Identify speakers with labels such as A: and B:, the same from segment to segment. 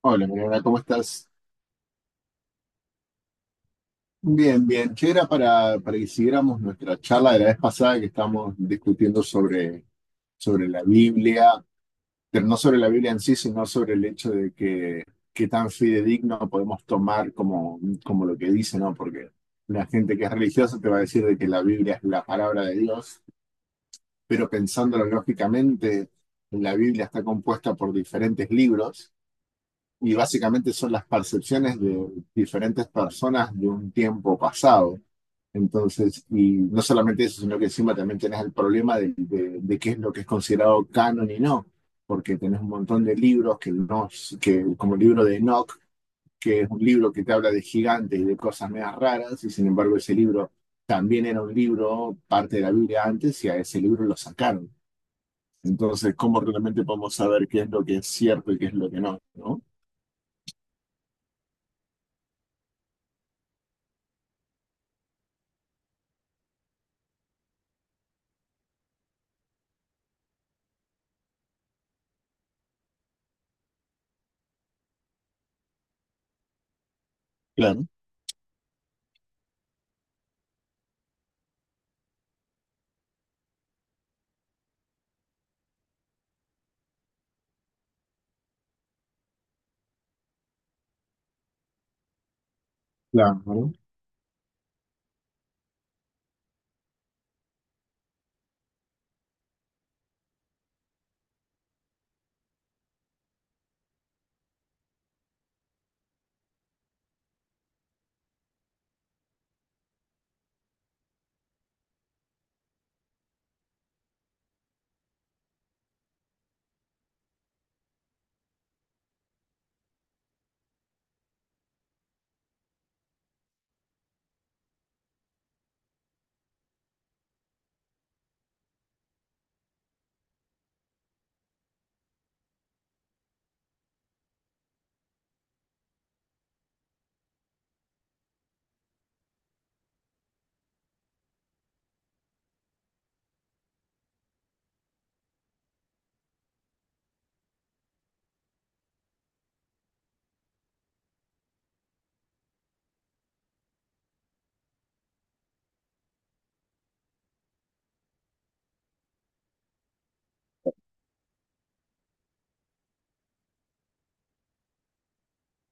A: Hola, Mariana, ¿cómo estás? Bien, bien. Che, era para que siguiéramos nuestra charla de la vez pasada que estábamos discutiendo sobre la Biblia, pero no sobre la Biblia en sí, sino sobre el hecho de que qué tan fidedigno podemos tomar como lo que dice, ¿no? Porque la gente que es religiosa te va a decir de que la Biblia es la palabra de Dios, pero pensándolo lógicamente, la Biblia está compuesta por diferentes libros y básicamente son las percepciones de diferentes personas de un tiempo pasado. Entonces, y no solamente eso, sino que encima también tenés el problema de qué es lo que es considerado canon y no, porque tenés un montón de libros que no, que, como el libro de Enoch, que es un libro que te habla de gigantes y de cosas medias raras, y sin embargo ese libro también era un libro, parte de la Biblia antes, y a ese libro lo sacaron. Entonces, ¿cómo realmente podemos saber qué es lo que es cierto y qué es lo que no, no? Claro. Claro, ¿no?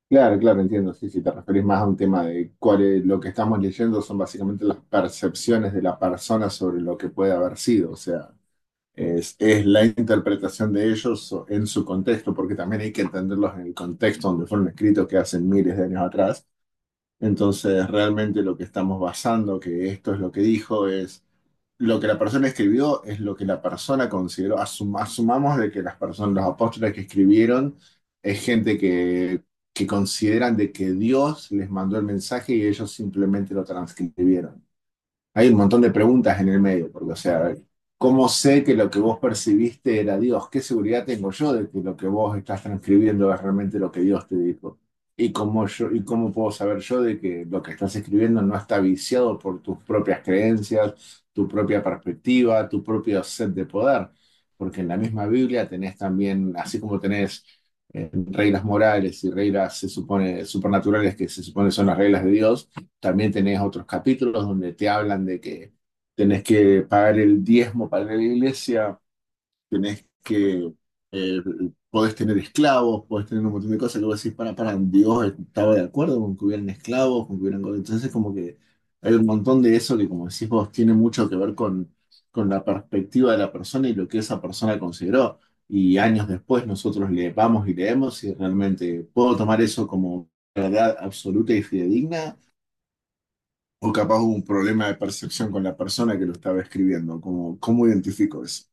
A: Claro, claro, entiendo. Sí, si te referís más a un tema de cuál es- lo que estamos leyendo son básicamente las percepciones de la persona sobre lo que puede haber sido. O sea, es la interpretación de ellos so- en su contexto, porque también hay que entenderlos en el contexto donde fueron escritos, que hace miles de años atrás. Entonces, realmente lo que estamos basando, que esto es lo que dijo, es lo que la persona escribió es lo que la persona consideró. Asum- asumamos de que las personas, los apóstoles que escribieron es gente que consideran de que Dios les mandó el mensaje y ellos simplemente lo transcribieron. Hay un montón de preguntas en el medio, porque, o sea, ¿cómo sé que lo que vos percibiste era Dios? ¿Qué seguridad tengo yo de que lo que vos estás transcribiendo es realmente lo que Dios te dijo? ¿Y cómo, yo, y cómo puedo saber yo de que lo que estás escribiendo no está viciado por tus propias creencias, tu propia perspectiva, tu propio set de poder? Porque en la misma Biblia tenés también, así como tenés reglas morales y reglas, se supone, supernaturales que se supone son las reglas de Dios, también tenés otros capítulos donde te hablan de que tenés que pagar el diezmo para ir a la iglesia, tenés que, eh, podés tener esclavos, podés tener un montón de cosas que vos decís, Dios estaba de acuerdo con que hubieran esclavos, con que hubieran... Entonces como que hay un montón de eso que como decís vos tiene mucho que ver con la perspectiva de la persona y lo que esa persona consideró. Y años después nosotros le vamos y leemos y realmente puedo tomar eso como verdad absoluta y fidedigna o capaz hubo un problema de percepción con la persona que lo estaba escribiendo. Como, ¿cómo identifico eso?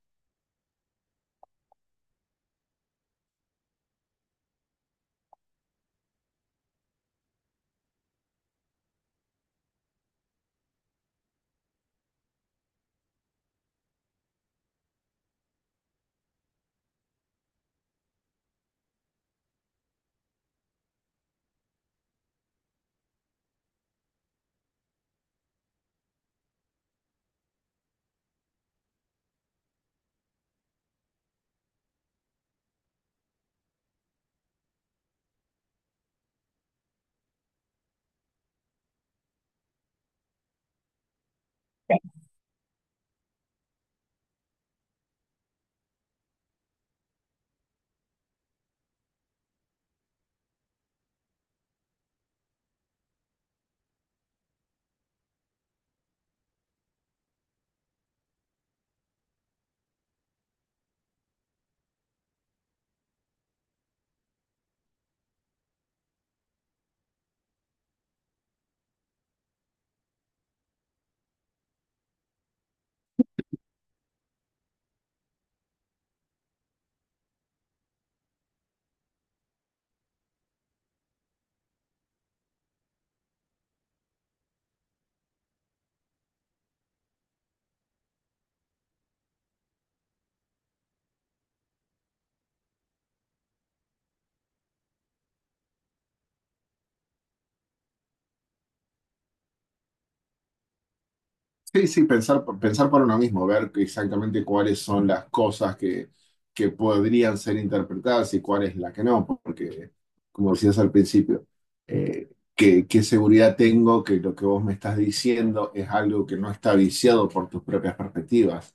A: Sí, sí, pensar por uno mismo, ver que exactamente cuáles son las cosas que podrían ser interpretadas y cuál es la que no, porque, como decías al principio, eh, qué seguridad tengo que lo que vos me estás diciendo es algo que no está viciado por tus propias perspectivas?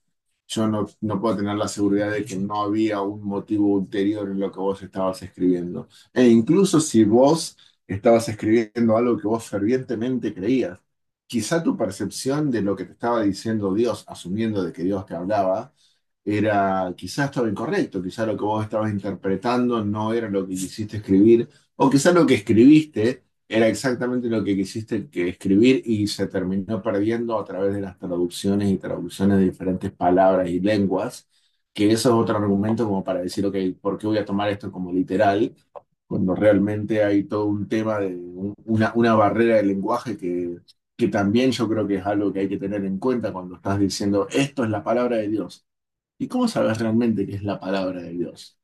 A: Yo no puedo tener la seguridad de que no había un motivo ulterior en lo que vos estabas escribiendo. E incluso si vos estabas escribiendo algo que vos fervientemente creías, quizá tu percepción de lo que te estaba diciendo Dios, asumiendo de que Dios te hablaba, era, quizá estaba incorrecto, quizá lo que vos estabas interpretando no era lo que quisiste escribir, o quizá lo que escribiste era exactamente lo que quisiste que escribir y se terminó perdiendo a través de las traducciones y traducciones de diferentes palabras y lenguas, que eso es otro argumento como para decir, ok, ¿por qué voy a tomar esto como literal cuando realmente hay todo un tema de un- una barrera de lenguaje que también yo creo que es algo que hay que tener en cuenta cuando estás diciendo esto es la palabra de Dios? ¿Y cómo sabes realmente qué es la palabra de Dios?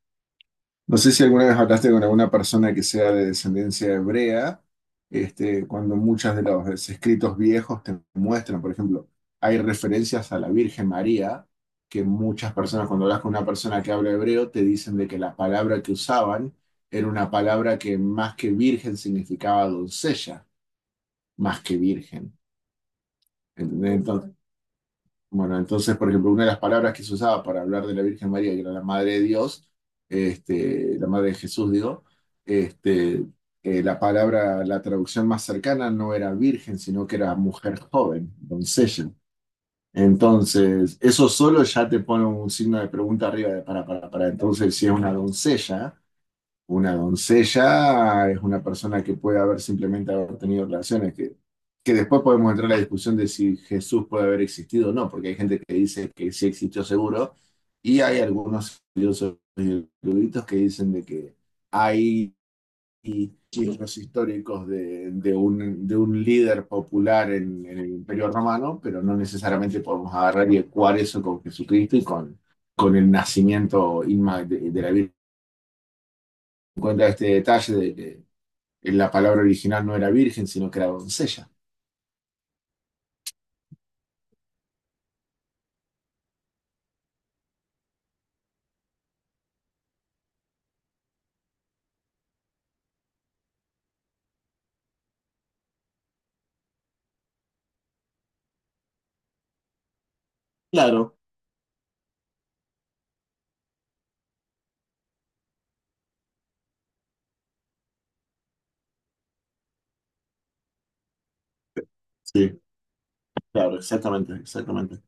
A: No sé si alguna vez hablaste con alguna persona que sea de descendencia hebrea, este, cuando muchos de los escritos viejos te muestran, por ejemplo, hay referencias a la Virgen María, que muchas personas, cuando hablas con una persona que habla hebreo, te dicen de que la palabra que usaban era una palabra que más que virgen significaba doncella, más que virgen. ¿Entendés? Entonces, bueno, entonces, por ejemplo, una de las palabras que se usaba para hablar de la Virgen María, que era la Madre de Dios, este, la Madre de Jesús, digo, este, la palabra, la traducción más cercana no era virgen, sino que era mujer joven, doncella. Entonces, eso solo ya te pone un signo de pregunta arriba de para, para. Entonces, si es una doncella es una persona que puede haber simplemente haber tenido relaciones, que después podemos entrar a la discusión de si Jesús puede haber existido o no, porque hay gente que dice que sí existió seguro, y hay algunos estudiosos y eruditos que dicen de que hay signos históricos de un líder popular en el Imperio Romano, pero no necesariamente podemos agarrar y ecuar eso con Jesucristo y con el nacimiento inma- de la Virgen. Cuenta este detalle de que en la palabra original no era virgen, sino que era doncella. Claro, sí, claro, exactamente, exactamente.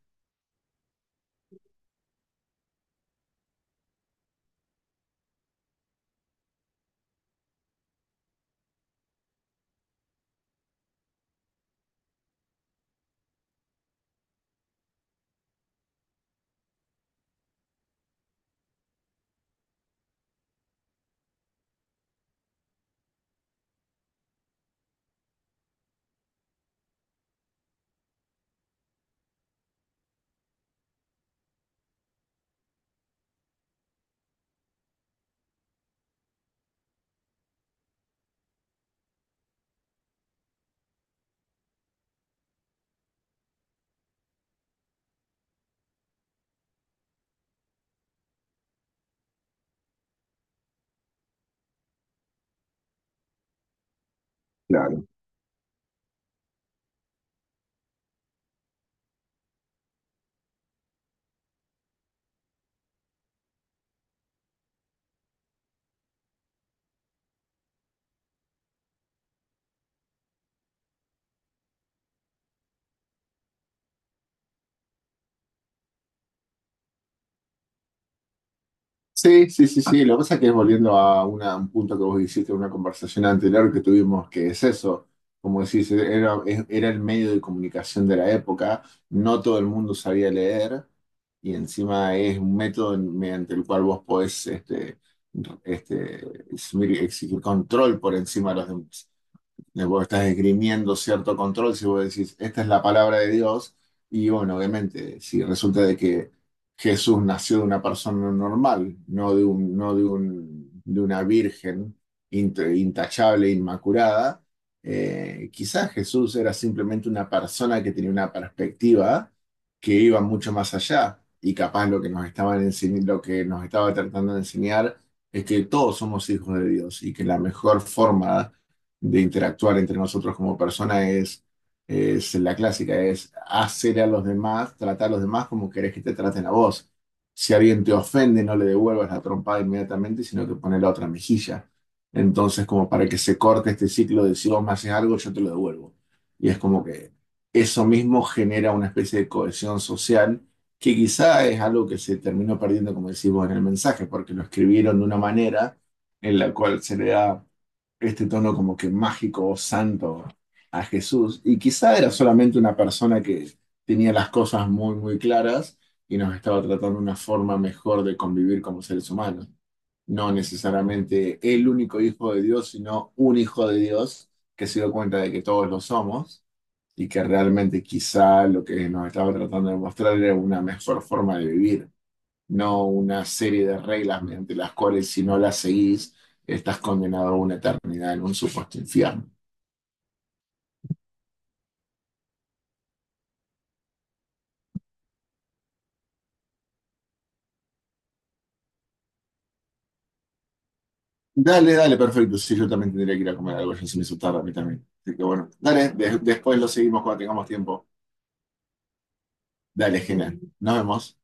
A: Claro. Sí, sí, sí, sí. Lo que pasa es que volviendo a una- un punto que vos hiciste en una conversación anterior que tuvimos, que es eso. Como decís, es- era el medio de comunicación de la época, no todo el mundo sabía leer, y encima es un método en- mediante el cual vos podés eximir- exigir control por encima de los demás. De vos estás esgrimiendo cierto control, si vos decís, esta es la palabra de Dios, y bueno, obviamente, si resulta de que Jesús nació de una persona normal, no de un, no de un, de una virgen int- intachable, inmaculada, quizás Jesús era simplemente una persona que tenía una perspectiva que iba mucho más allá, y capaz lo que nos estaban enseñ- lo que nos estaba tratando de enseñar es que todos somos hijos de Dios y que la mejor forma de interactuar entre nosotros como personas es la clásica, es hacer a los demás, tratar a los demás como querés que te traten a vos. Si alguien te ofende, no le devuelvas la trompada inmediatamente, sino que pones la otra mejilla. Entonces, como para que se corte este ciclo de si vos me haces algo, yo te lo devuelvo. Y es como que eso mismo genera una especie de cohesión social que quizá es algo que se terminó perdiendo, como decimos en el mensaje, porque lo escribieron de una manera en la cual se le da este tono como que mágico o santo a Jesús. Y quizá era solamente una persona que tenía las cosas muy, muy claras y nos estaba tratando una forma mejor de convivir como seres humanos. No necesariamente el único hijo de Dios, sino un hijo de Dios que se dio cuenta de que todos lo somos y que realmente quizá lo que nos estaba tratando de mostrar era una mejor forma de vivir, no una serie de reglas mediante las cuales si no las seguís, estás condenado a una eternidad en un supuesto infierno. Dale, dale, perfecto. Sí, yo también tendría que ir a comer algo, ya se me hizo tarde a mí también. Así que bueno, dale, de- después lo seguimos cuando tengamos tiempo. Dale, genial. Nos vemos.